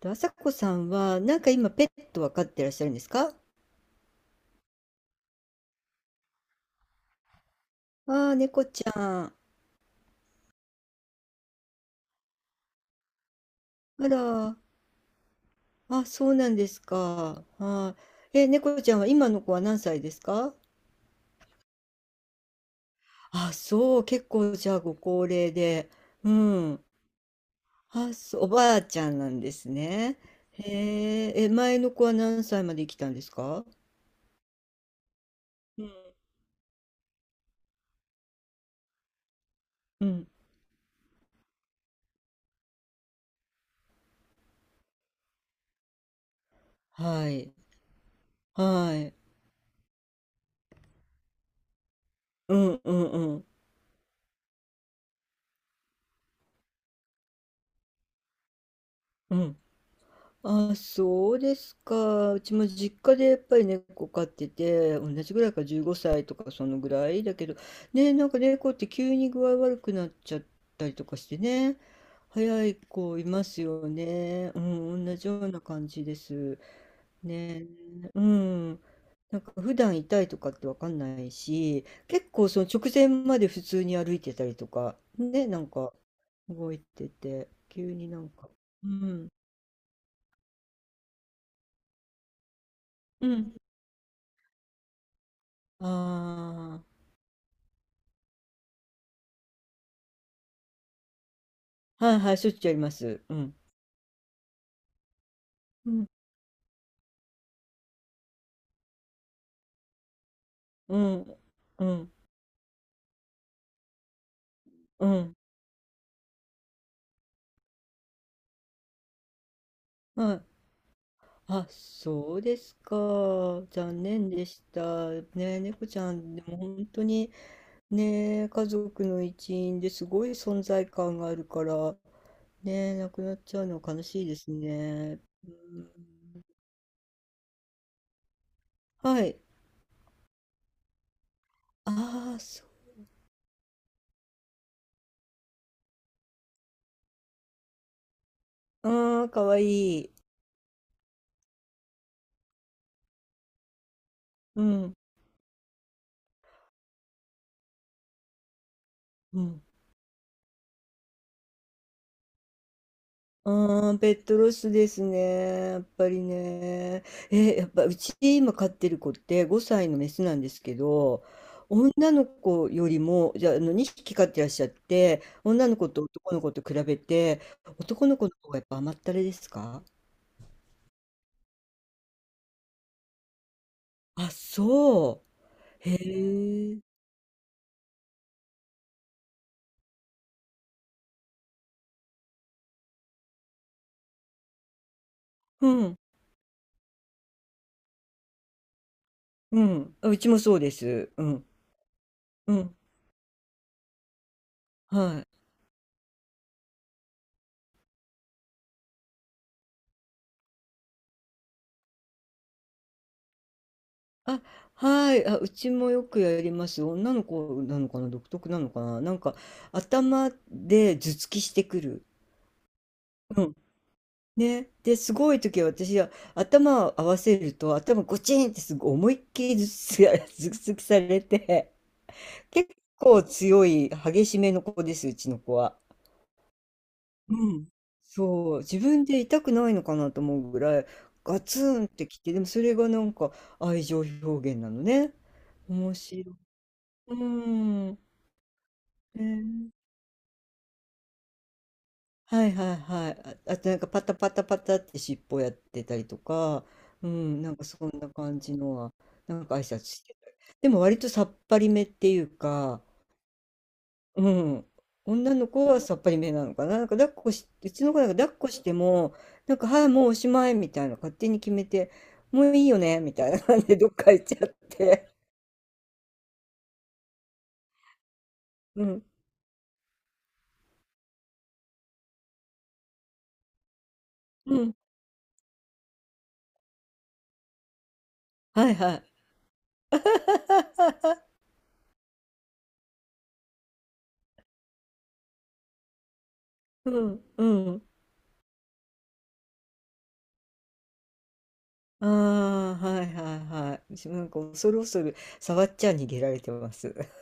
と、朝子さんは、今ペットは飼ってらっしゃるんですか？ああー、猫ちゃん。あら、あ、そうなんですか。あー、え、猫ちゃんは今の子は何歳ですか？あ、そう、結構じゃあご高齢で。うん。あ、そう、おばあちゃんなんですね。へえ、え、前の子は何歳まで生きたんですか？うん。うん。はい。はい。うんうんうん。うん。あ、そうですか。うちも実家でやっぱり猫飼ってて、同じぐらいか15歳とかそのぐらいだけど、ね、猫って急に具合悪くなっちゃったりとかしてね、早い子いますよね。うん、同じような感じです。ね、うん。普段痛いとかってわかんないし、結構その直前まで普通に歩いてたりとか、ね、動いてて、急に。うん。うん。ああ、はいはい、しょっちゅうやります。うん。うん。うん。うん。うん。はい。あ、そうですか。残念でした。ね、猫ちゃん、でも本当にね、家族の一員ですごい存在感があるから、ね、亡くなっちゃうの悲しいですね。うん。はい。ああ、そう。ああ、かわいい。うん。うん。ああ、ペットロスですね。やっぱりね。え、やっぱうち今飼ってる子って5歳のメスなんですけど、女の子よりも、じゃあ、あの2匹飼ってらっしゃって、女の子と男の子と比べて、男の子の方がやっぱ甘ったれですか？あ、そう。へえ。うん、うん。あうちもそうです。うん、うん。はい。あ、はい。あ、うちもよくやります。女の子なのかな、独特なのかな、頭で頭突きしてくる。うん。ね。で、すごい時は私は頭を合わせると、頭ゴチンってすごい思いっきり頭突き 頭突きされて、結構強い、激しめの子です、うちの子は。うん。そう。自分で痛くないのかなと思うぐらい、ガツンってきて、でもそれが愛情表現なのね。面白い。うん。えーはいはいはい。あ、あとパタパタパタって尻尾やってたりとか、うん、そんな感じのは、挨拶してたり。でも割とさっぱりめっていうか、うん、女の子はさっぱりめなのかな。なんか抱っこし、うちの子抱っこしても、はい、もうおしまいみたいな勝手に決めて、もういいよねみたいな感じでどっか行っちゃって。うん、うん、はいはい。うん、うん。ああ、はいはいはい。恐る恐る触っちゃ逃げられてます。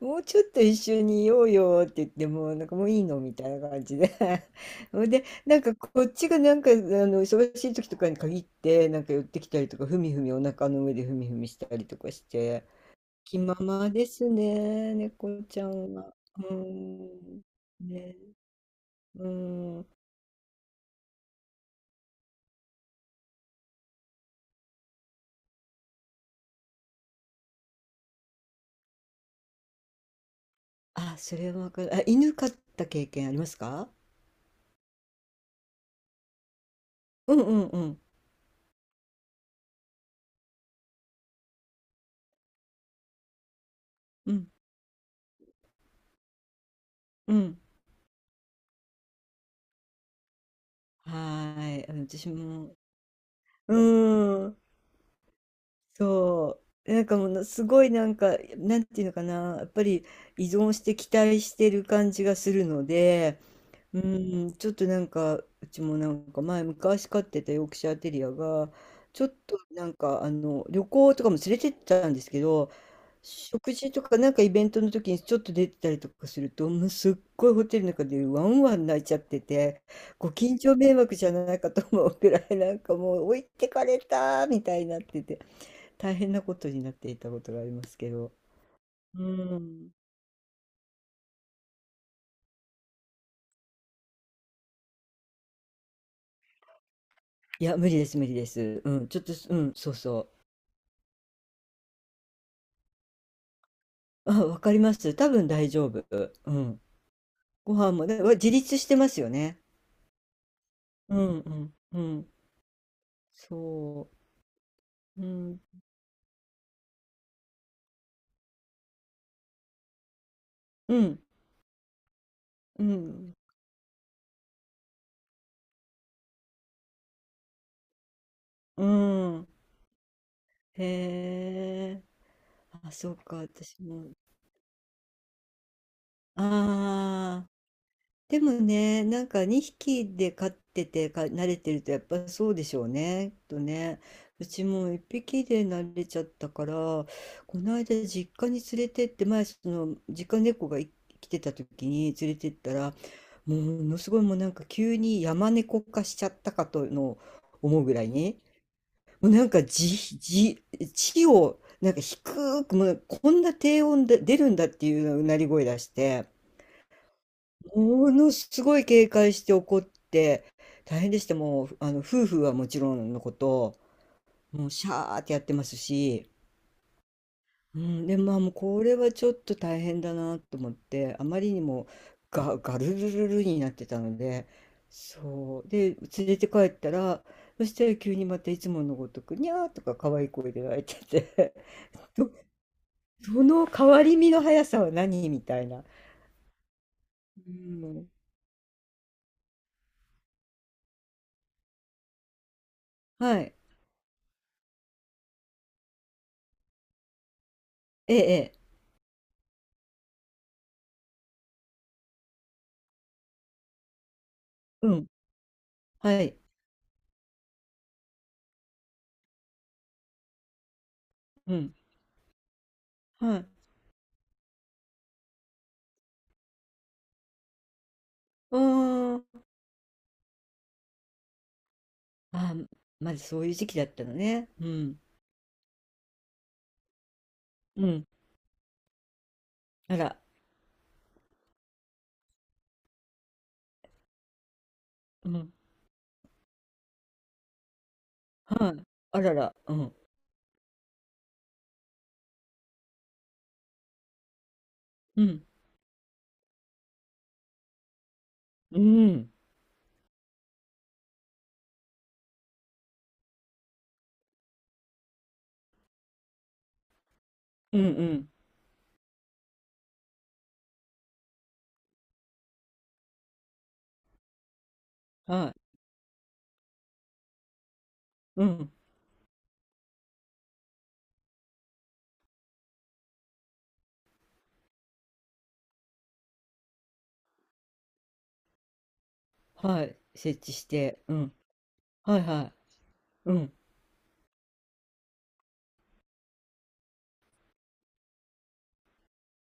もうちょっと一緒にいようよって言っても、もういいのみたいな感じで。ほんで、なんかこっちがあの忙しい時とかに限って、寄ってきたりとか、ふみふみお腹の上でふみふみしたりとかして、気ままですね、猫ちゃんは。うーん。ね。うーん。あ、それはわかる。あ、犬飼った経験ありますか？うんうんうん。うん。うん。はーい。あの私も、うーん。そう。ものすごい、なんていうのかな、やっぱり依存して期待してる感じがするので、うーん、ちょっと、うちも前昔飼ってたヨークシャーテリアが、ちょっとあの旅行とかも連れてったんですけど、食事とかイベントの時にちょっと出てたりとかすると、もうすっごいホテルの中でワンワン泣いちゃってて、ご近所迷惑じゃないかと思うくらいもう置いてかれたみたいになってて、大変なことになっていたことがありますけど。うん。いや、無理です、無理です。うん、ちょっとうん、そうそう。あ、わかります。多分大丈夫。うん。ご飯もね、自立してますよね。うん、うん、うん。そう。うん、うん、うん、うん。へえ。あ、そうか、私も。ああ。でもね、なんか2匹で飼っててか慣れてるとやっぱそうでしょうね。きっとね。うちも1匹で慣れちゃったから、この間実家に連れてって、前その実家猫が来てた時に連れてったら、もうものすごい、もう急に山猫化しちゃったかとの思うぐらいに、もう地を、なんか低く、もうこんな低音で出るんだっていううなり声出して、ものすごい警戒して怒って、大変でした。もう、あの、夫婦はもちろんのこと、もうシャーってやってますし、うん、で、まあもうこれはちょっと大変だなと思って、あまりにもガルルルルになってたので、そう。で、連れて帰ったら、そしたら急にまたいつものごとく、にゃーとか可愛い声で泣いてて。その変わり身の速さは何みたいな。うん。はい。ええ、ええ、うん。はい。うん。はい。うーん。あ、まずそういう時期だったのね。うん。うん。あら。うん。はい。あらら。うん。うん。うん。うんうん。はい。うん。はい。設置して。うん。はいはい。うん。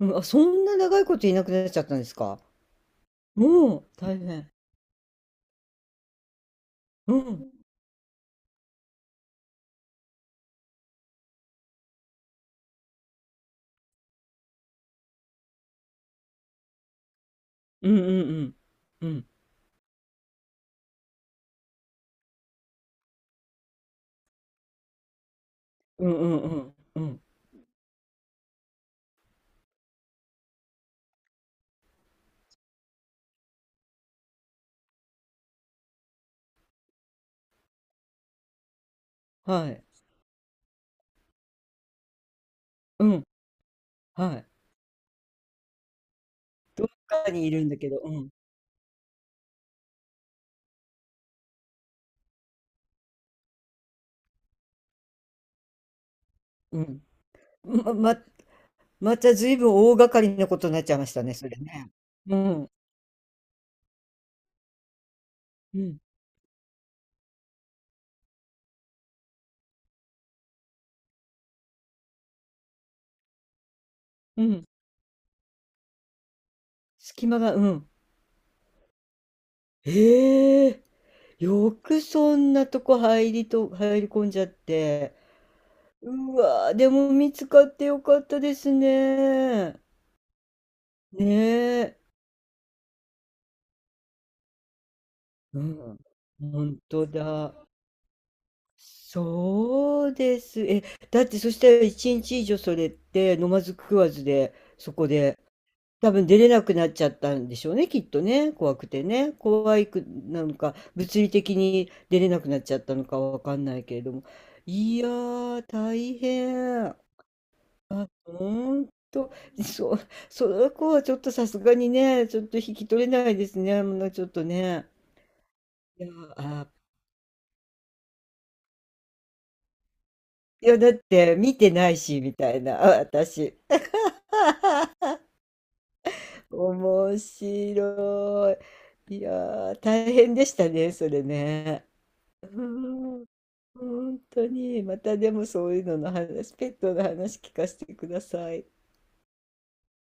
うん。あ、そんな長いこといなくなっちゃったんですか。もう、大変。うん。うんうんうん。うん。うんうんうん。うん。はい。うん、はい。どっかにいるんだけど、うん、うん。まままたずいぶん大掛かりなことになっちゃいましたね、それね。うん、うん、うん。隙間が、うん。ええ、よくそんなとこ入り込んじゃって。うわー、でも見つかってよかったですね。ねえ。うん、本当だ。そうです。え、だってそしたら一日以上それって飲まず食わずで、そこで多分出れなくなっちゃったんでしょうね、きっとね、怖くてね。怖いくなのか、物理的に出れなくなっちゃったのかわかんないけれども。いやー、大変。ほんと、そう、その子はちょっとさすがにね、ちょっと引き取れないですね、もうちょっとね。いやー、あー、いや、だって見てないし、みたいな、あ私。面白い。いやー、大変でしたね、それね。うーん、本当に、またでもそういうのの話、ペットの話聞かせてください。